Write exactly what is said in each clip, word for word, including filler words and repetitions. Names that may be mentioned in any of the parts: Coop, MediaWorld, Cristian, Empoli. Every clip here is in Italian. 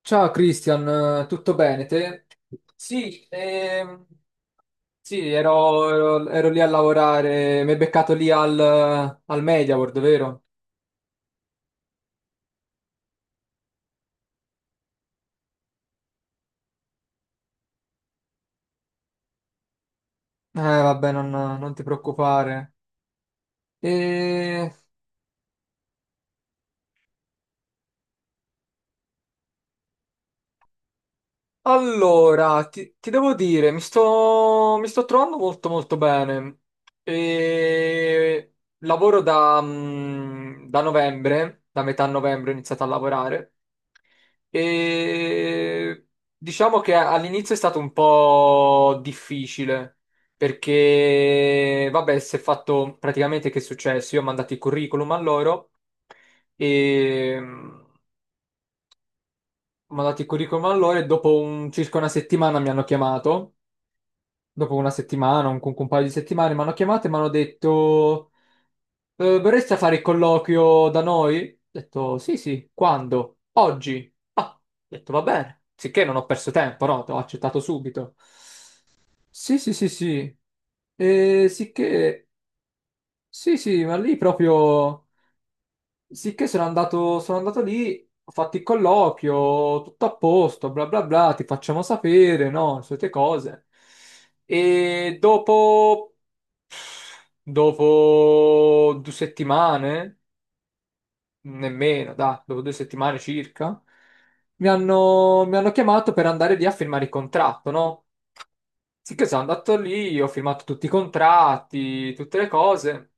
Ciao Cristian, eh, tutto bene te? Sì, ehm, sì, ero, ero- ero lì a lavorare, mi hai beccato lì al, al MediaWorld, vero? Eh, vabbè, non, non ti preoccupare. E... Allora, ti, ti devo dire, mi sto, mi sto trovando molto molto bene. E... Lavoro da, mm, da novembre, da metà novembre ho iniziato a lavorare. E diciamo che all'inizio è stato un po' difficile perché, vabbè, si è fatto praticamente che è successo? Io ho mandato il curriculum a loro e mm, ho mandato il curriculum a loro e dopo un- circa una settimana mi hanno chiamato. Dopo una settimana, un, un paio di settimane mi hanno chiamato e mi hanno detto. Eh, vorresti fare il colloquio da noi? Ho detto, sì, sì, quando? Oggi? Ah, ho detto, va bene. Sicché non ho perso tempo, no? Ho accettato subito. Sì, sì, sì, sì. Eh, sicché, sì, sì, ma lì proprio, sicché sono andato, sono andato lì, ho fatto il colloquio, tutto a posto, bla bla bla, ti facciamo sapere, no? Le solite cose. E dopo, dopo due settimane, nemmeno, dai, dopo due settimane circa, mi hanno, mi hanno chiamato per andare lì a firmare il contratto, no? Sì che sono andato lì, ho firmato tutti i contratti, tutte le cose,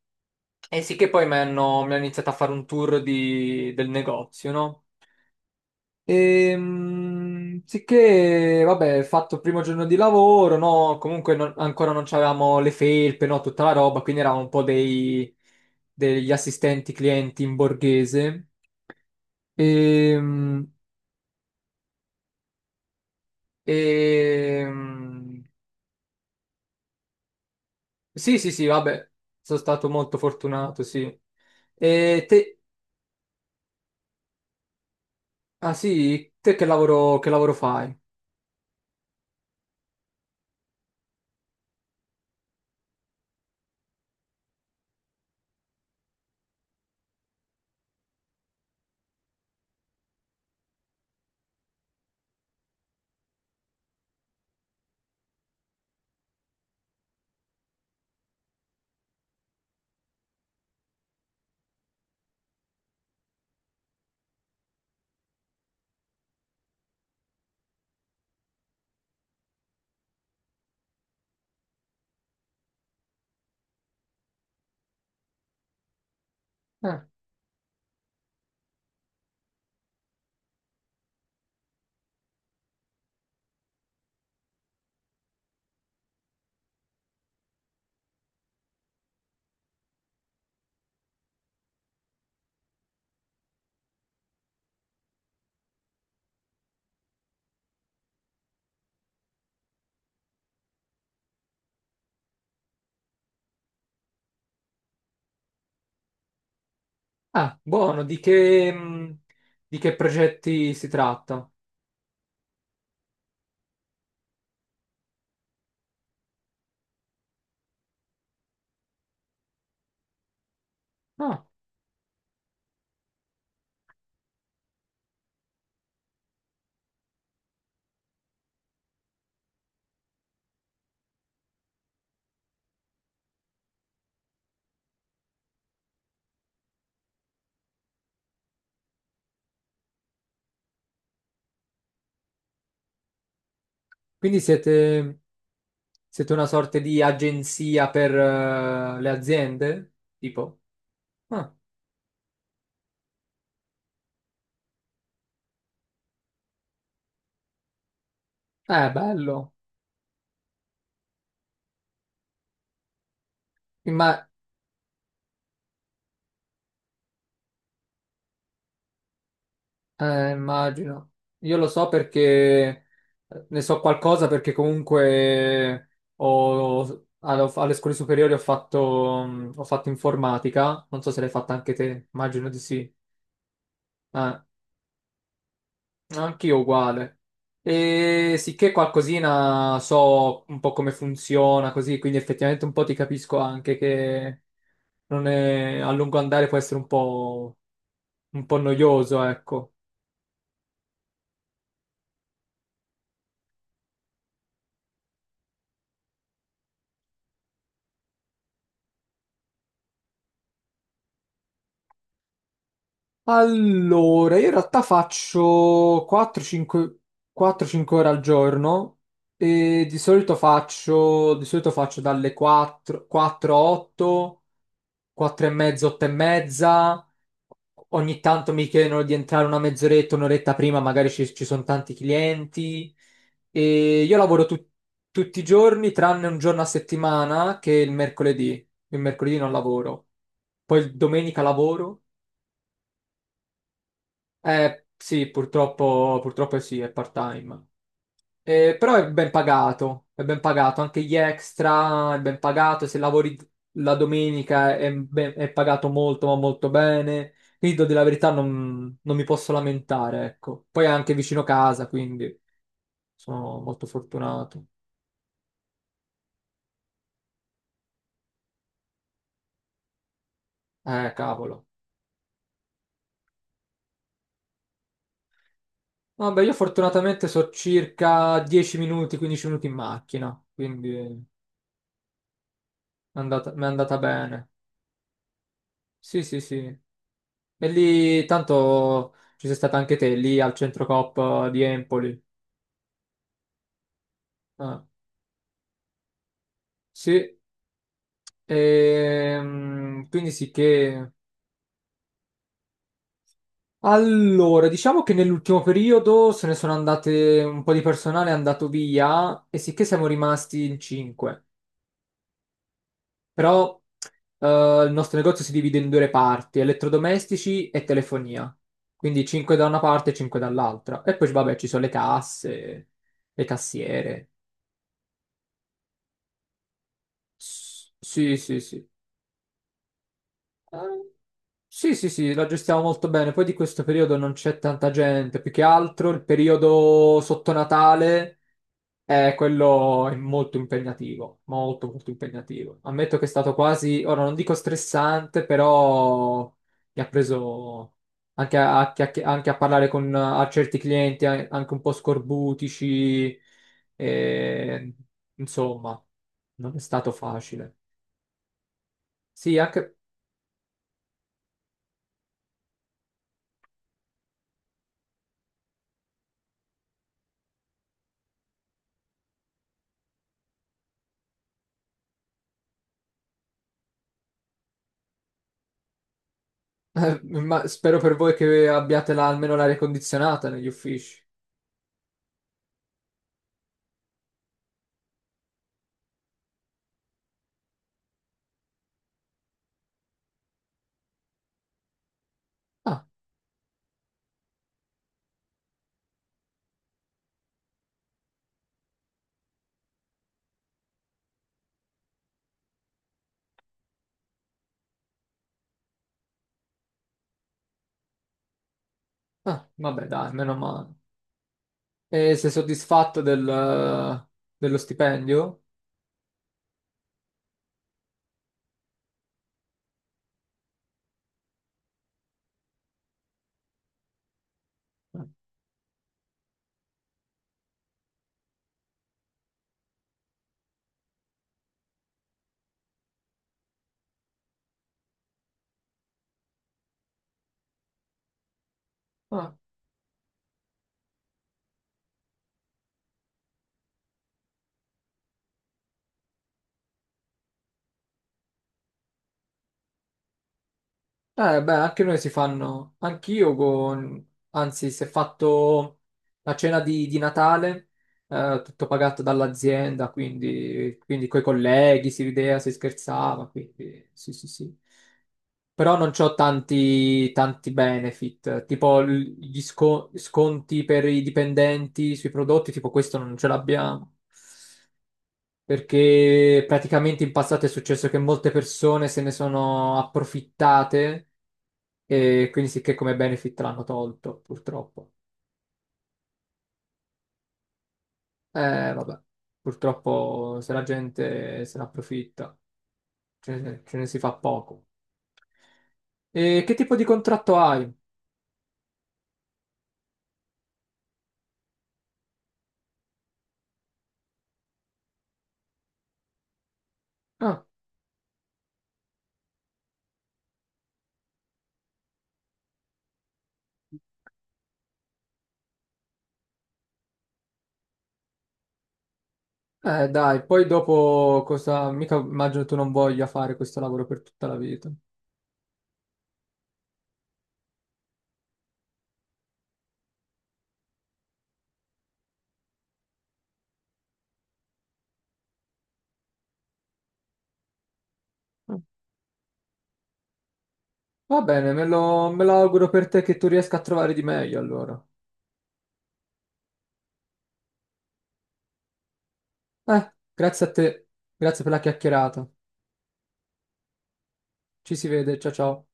e sì che poi mi hanno, mi hanno iniziato a fare un tour di- del negozio, no? Ehm, sì che, vabbè, ho fatto il primo giorno di lavoro, no? Comunque non- ancora non avevamo le felpe, no? Tutta la roba, quindi eravamo un po' dei, degli assistenti clienti in borghese. Ehm, Ehm, Sì, sì, sì, vabbè, sono stato molto fortunato, sì. E te, ah sì, te che lavoro, che lavoro fai? Ah, ah, buono, di che, mh, di che progetti si tratta? Ah, quindi siete, siete una sorta di agenzia per eh, le aziende? Tipo, ah, è bello. Imma- Eh, immagino. Io lo so perché ne so qualcosa perché comunque ho- allo- alle scuole superiori ho fatto, mm, ho fatto informatica. Non so se l'hai fatta anche te, immagino di sì. Eh, anch'io uguale. E sicché qualcosina so un po' come funziona così, quindi effettivamente un po' ti capisco anche che non è, a lungo andare può essere un po', un po' noioso, ecco. Allora, io in realtà faccio 4-5 quattro cinque ore al giorno e di solito faccio, di solito faccio dalle quattro quattro a otto, quattro e mezza, otto e mezza. Ogni tanto mi chiedono di entrare una mezz'oretta, un'oretta prima, magari ci, ci sono tanti clienti. E io lavoro tut- tutti i giorni, tranne un giorno a settimana, che è il mercoledì. Il mercoledì non lavoro. Poi il domenica lavoro eh, sì, purtroppo, purtroppo sì, è part-time. Eh, però è ben pagato, è ben pagato, anche gli extra è ben pagato, se lavori la domenica è, ben- è pagato molto, ma molto bene. Quindi, devo dire la verità, non, non mi posso lamentare, ecco. Poi è anche vicino casa, quindi sono molto fortunato. Eh, cavolo. Vabbè, io fortunatamente so circa dieci minuti, quindici minuti in macchina, quindi è andata- mi è andata bene. Sì, sì, sì. E lì, tanto ci sei stata anche te, lì al centro Coop eh, di Empoli. Ah, sì, Ehm, quindi sì che... Allora, diciamo che nell'ultimo periodo se ne sono andate un po' di personale, è andato via e sì che siamo rimasti in cinque. Però eh, il nostro negozio si divide in due parti, elettrodomestici e telefonia. Quindi cinque da una parte e cinque dall'altra. E poi vabbè, ci sono le casse, le cassiere. S- Sì, sì, sì. Eh, sì, sì, sì, la gestiamo molto bene. Poi di questo periodo non c'è tanta gente, più che altro il periodo sotto Natale è quello è molto impegnativo, molto molto impegnativo. Ammetto che è stato quasi, ora non dico stressante, però mi ha preso anche a, a chiacch- anche a parlare con a certi clienti a- anche un po' scorbutici, e, insomma, non è stato facile. Sì, anche. Eh, ma spero per voi che abbiate la- almeno l'aria condizionata negli uffici. Ah, ah, vabbè, dai, meno male. E sei soddisfatto del, eh, dello stipendio? Ah, ah, eh, beh, anche noi si fanno, anch'io con, anzi, si è fatto la cena di, di Natale, eh, tutto pagato dall'azienda, quindi, quindi coi colleghi si rideva, si scherzava, quindi sì, sì, sì. Però non c'ho tanti, tanti benefit, tipo l- gli sco- sconti per i dipendenti sui prodotti, tipo questo non ce l'abbiamo, perché praticamente in passato è successo che molte persone se ne sono approfittate e quindi sì che come benefit l'hanno tolto, purtroppo. Eh, vabbè, purtroppo se la gente se ne approfitta, ce ne, ce ne si fa poco. E che tipo di contratto hai? Ah. Eh, dai, poi dopo cosa... Mica immagino tu non voglia fare questo lavoro per tutta la vita. Va bene, me lo, me lo auguro per te che tu riesca a trovare di meglio allora. Eh, grazie a te, grazie per la chiacchierata. Ci si vede, ciao ciao.